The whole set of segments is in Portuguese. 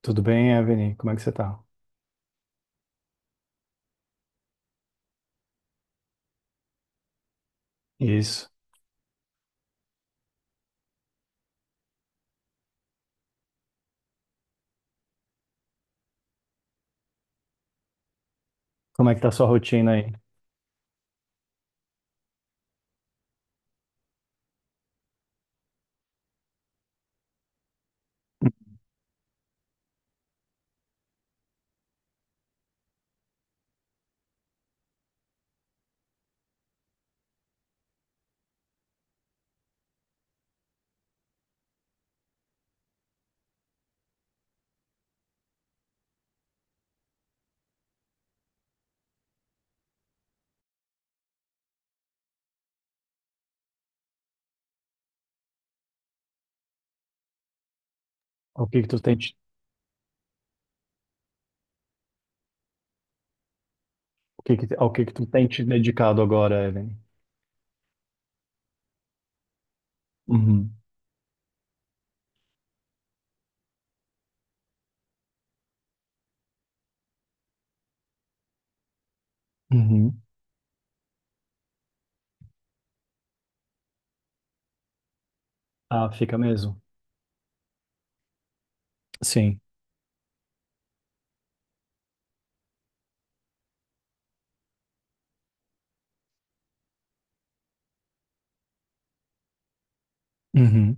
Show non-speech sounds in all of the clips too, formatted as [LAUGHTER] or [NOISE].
Tudo bem, Evelyn? Como é que você tá? Isso. Como é que tá a sua rotina aí? Ao que tu tem te, o que que- ao que tu tem te dedicado agora, Evelyn? Uhum. Uhum. Ah, fica mesmo. Sim. Uhum.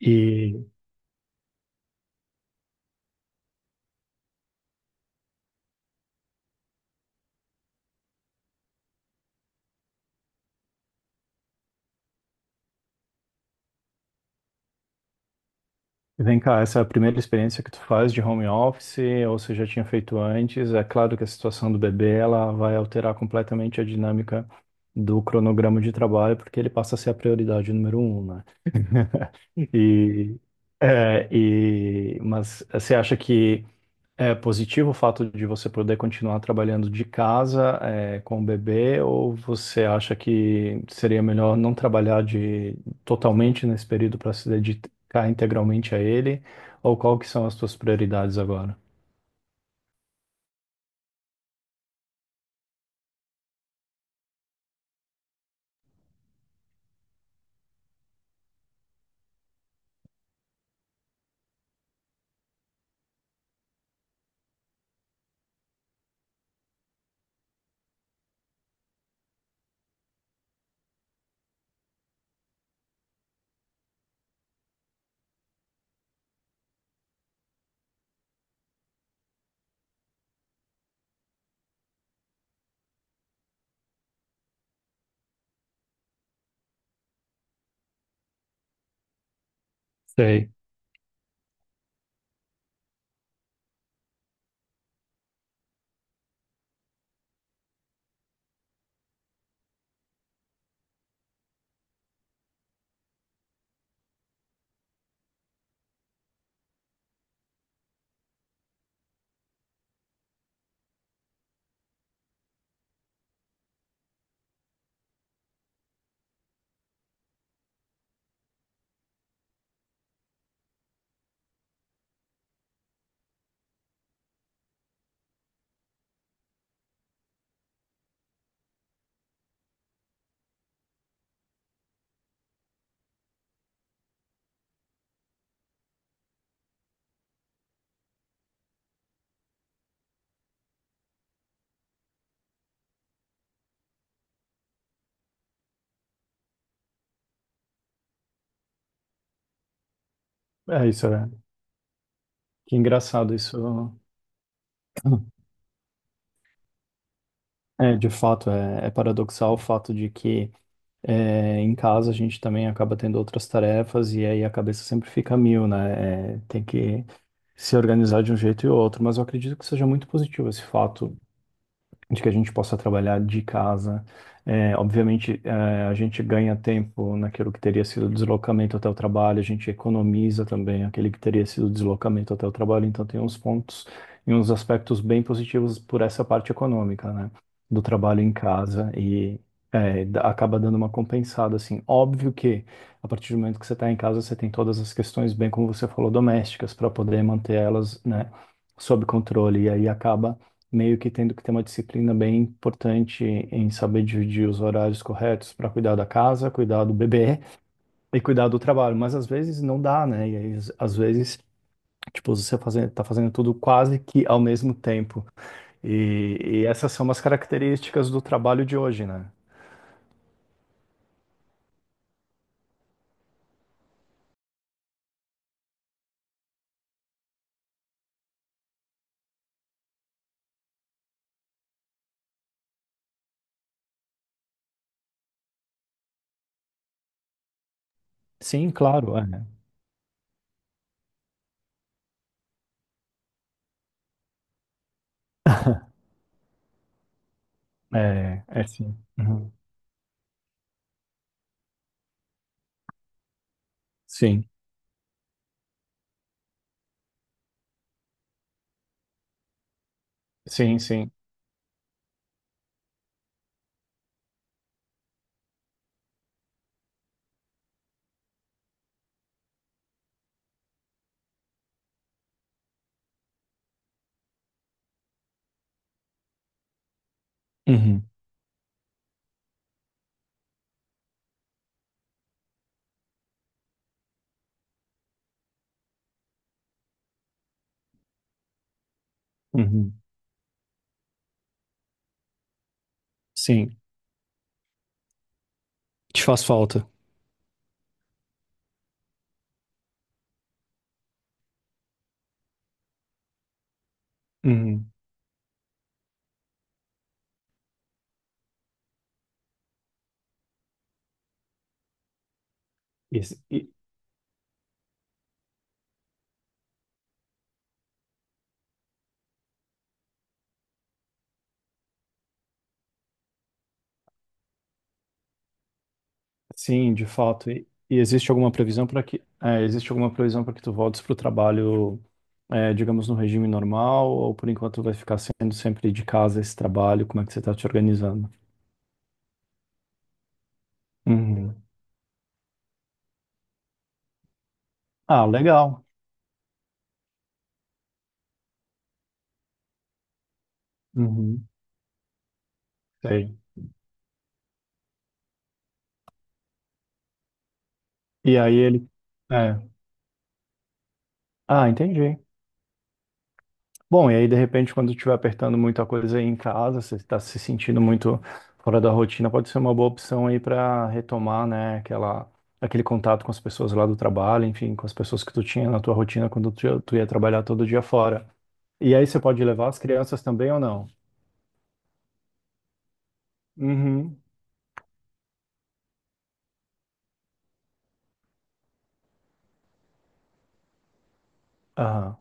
E vem cá, essa é a primeira experiência que tu faz de home office, ou você já tinha feito antes? É claro que a situação do bebê, ela vai alterar completamente a dinâmica do cronograma de trabalho, porque ele passa a ser a prioridade número um, né? [LAUGHS] E, mas você acha que é positivo o fato de você poder continuar trabalhando de casa, com o bebê, ou você acha que seria melhor não trabalhar totalmente nesse período para se dedicar integralmente a ele? Ou qual que são as suas prioridades agora? Sei. É isso, né? Que engraçado isso. De fato, é paradoxal o fato de que em casa a gente também acaba tendo outras tarefas e aí a cabeça sempre fica a mil, né? É, tem que se organizar de um jeito e outro, mas eu acredito que seja muito positivo esse fato de que a gente possa trabalhar de casa. É, obviamente, é, a gente ganha tempo naquilo que teria sido deslocamento até o trabalho, a gente economiza também aquele que teria sido deslocamento até o trabalho, então tem uns pontos e uns aspectos bem positivos por essa parte econômica, né, do trabalho em casa e acaba dando uma compensada, assim. Óbvio que a partir do momento que você está em casa, você tem todas as questões, bem como você falou, domésticas, para poder manter elas, né, sob controle, e aí acaba meio que tendo que ter uma disciplina bem importante em saber dividir os horários corretos para cuidar da casa, cuidar do bebê e cuidar do trabalho. Mas às vezes não dá, né? E aí, às vezes, tipo, tá fazendo tudo quase que ao mesmo tempo. E essas são umas características do trabalho de hoje, né? Sim, claro, é. [LAUGHS] É, é sim. Uhum. Sim, sim, sim. Uhum, uhum. Sim, te faz falta. Uhum. Isso. Sim, de fato. E existe alguma previsão para existe alguma previsão para que tu voltes para o trabalho, é, digamos, no regime normal, ou por enquanto vai ficar sendo sempre de casa esse trabalho? Como é que você está te organizando? Uhum. Ah, legal. Uhum. Sei. E aí ele. É. Ah, entendi. Bom, e aí de repente, quando estiver apertando muita coisa aí em casa, você está se sentindo muito fora da rotina, pode ser uma boa opção aí para retomar, aquele contato com as pessoas lá do trabalho, enfim, com as pessoas que tu tinha na tua rotina quando tu ia trabalhar todo dia fora. E aí você pode levar as crianças também ou não? Uhum. Aham,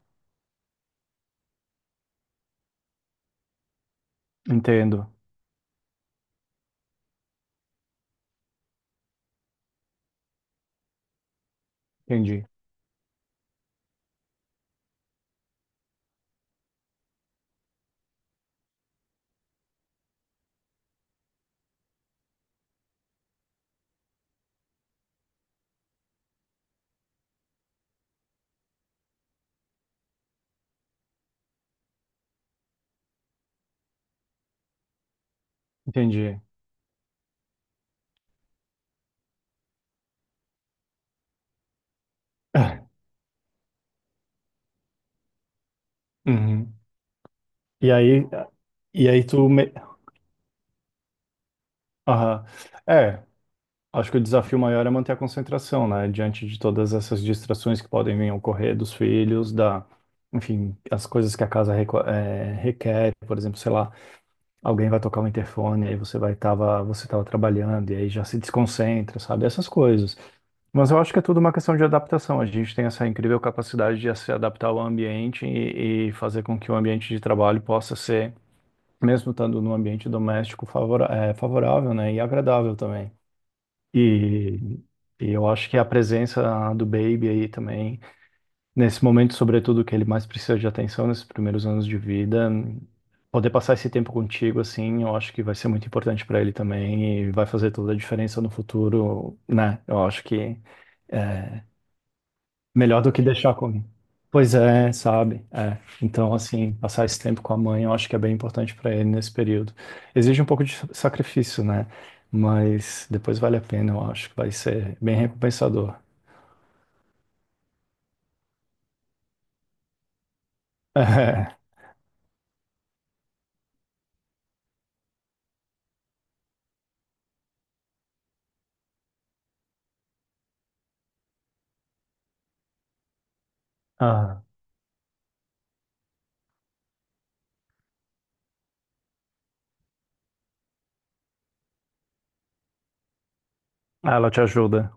entendo. Entendi. Entendi. [LAUGHS] Uhum. E aí, e aí tu me... Aham. É, Acho que o desafio maior é manter a concentração, né? Diante de todas essas distrações que podem vir a ocorrer dos filhos, da, enfim, as coisas que a casa requer, por exemplo, sei lá, alguém vai tocar o interfone, aí você vai tava, você tava trabalhando e aí já se desconcentra, sabe? Essas coisas. Mas eu acho que é tudo uma questão de adaptação. A gente tem essa incrível capacidade de se adaptar ao ambiente e fazer com que o ambiente de trabalho possa ser, mesmo estando num ambiente doméstico, favorável, né? E agradável também. E, e eu acho que a presença do Baby aí também, nesse momento, sobretudo, que ele mais precisa de atenção nesses primeiros anos de vida, poder passar esse tempo contigo, assim, eu acho que vai ser muito importante para ele também e vai fazer toda a diferença no futuro, né? Eu acho que é, Melhor do que deixar comigo. Pois é, sabe? É. Então, assim, passar esse tempo com a mãe, eu acho que é bem importante para ele nesse período. Exige um pouco de sacrifício, né? Mas depois vale a pena, eu acho que vai ser bem recompensador. [LAUGHS] É. Ah, ela te ajuda.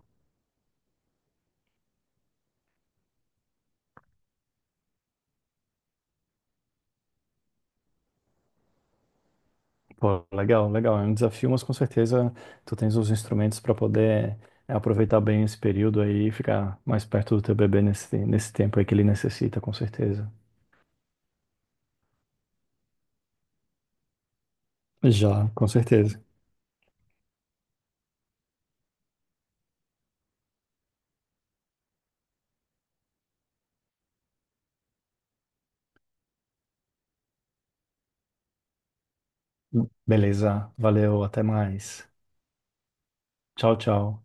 Pô, legal, legal. É um desafio, mas com certeza tu tens os instrumentos para poder aproveitar bem esse período aí e ficar mais perto do teu bebê nesse tempo aí que ele necessita, com certeza. Já, com certeza. Beleza, valeu, até mais. Tchau, tchau.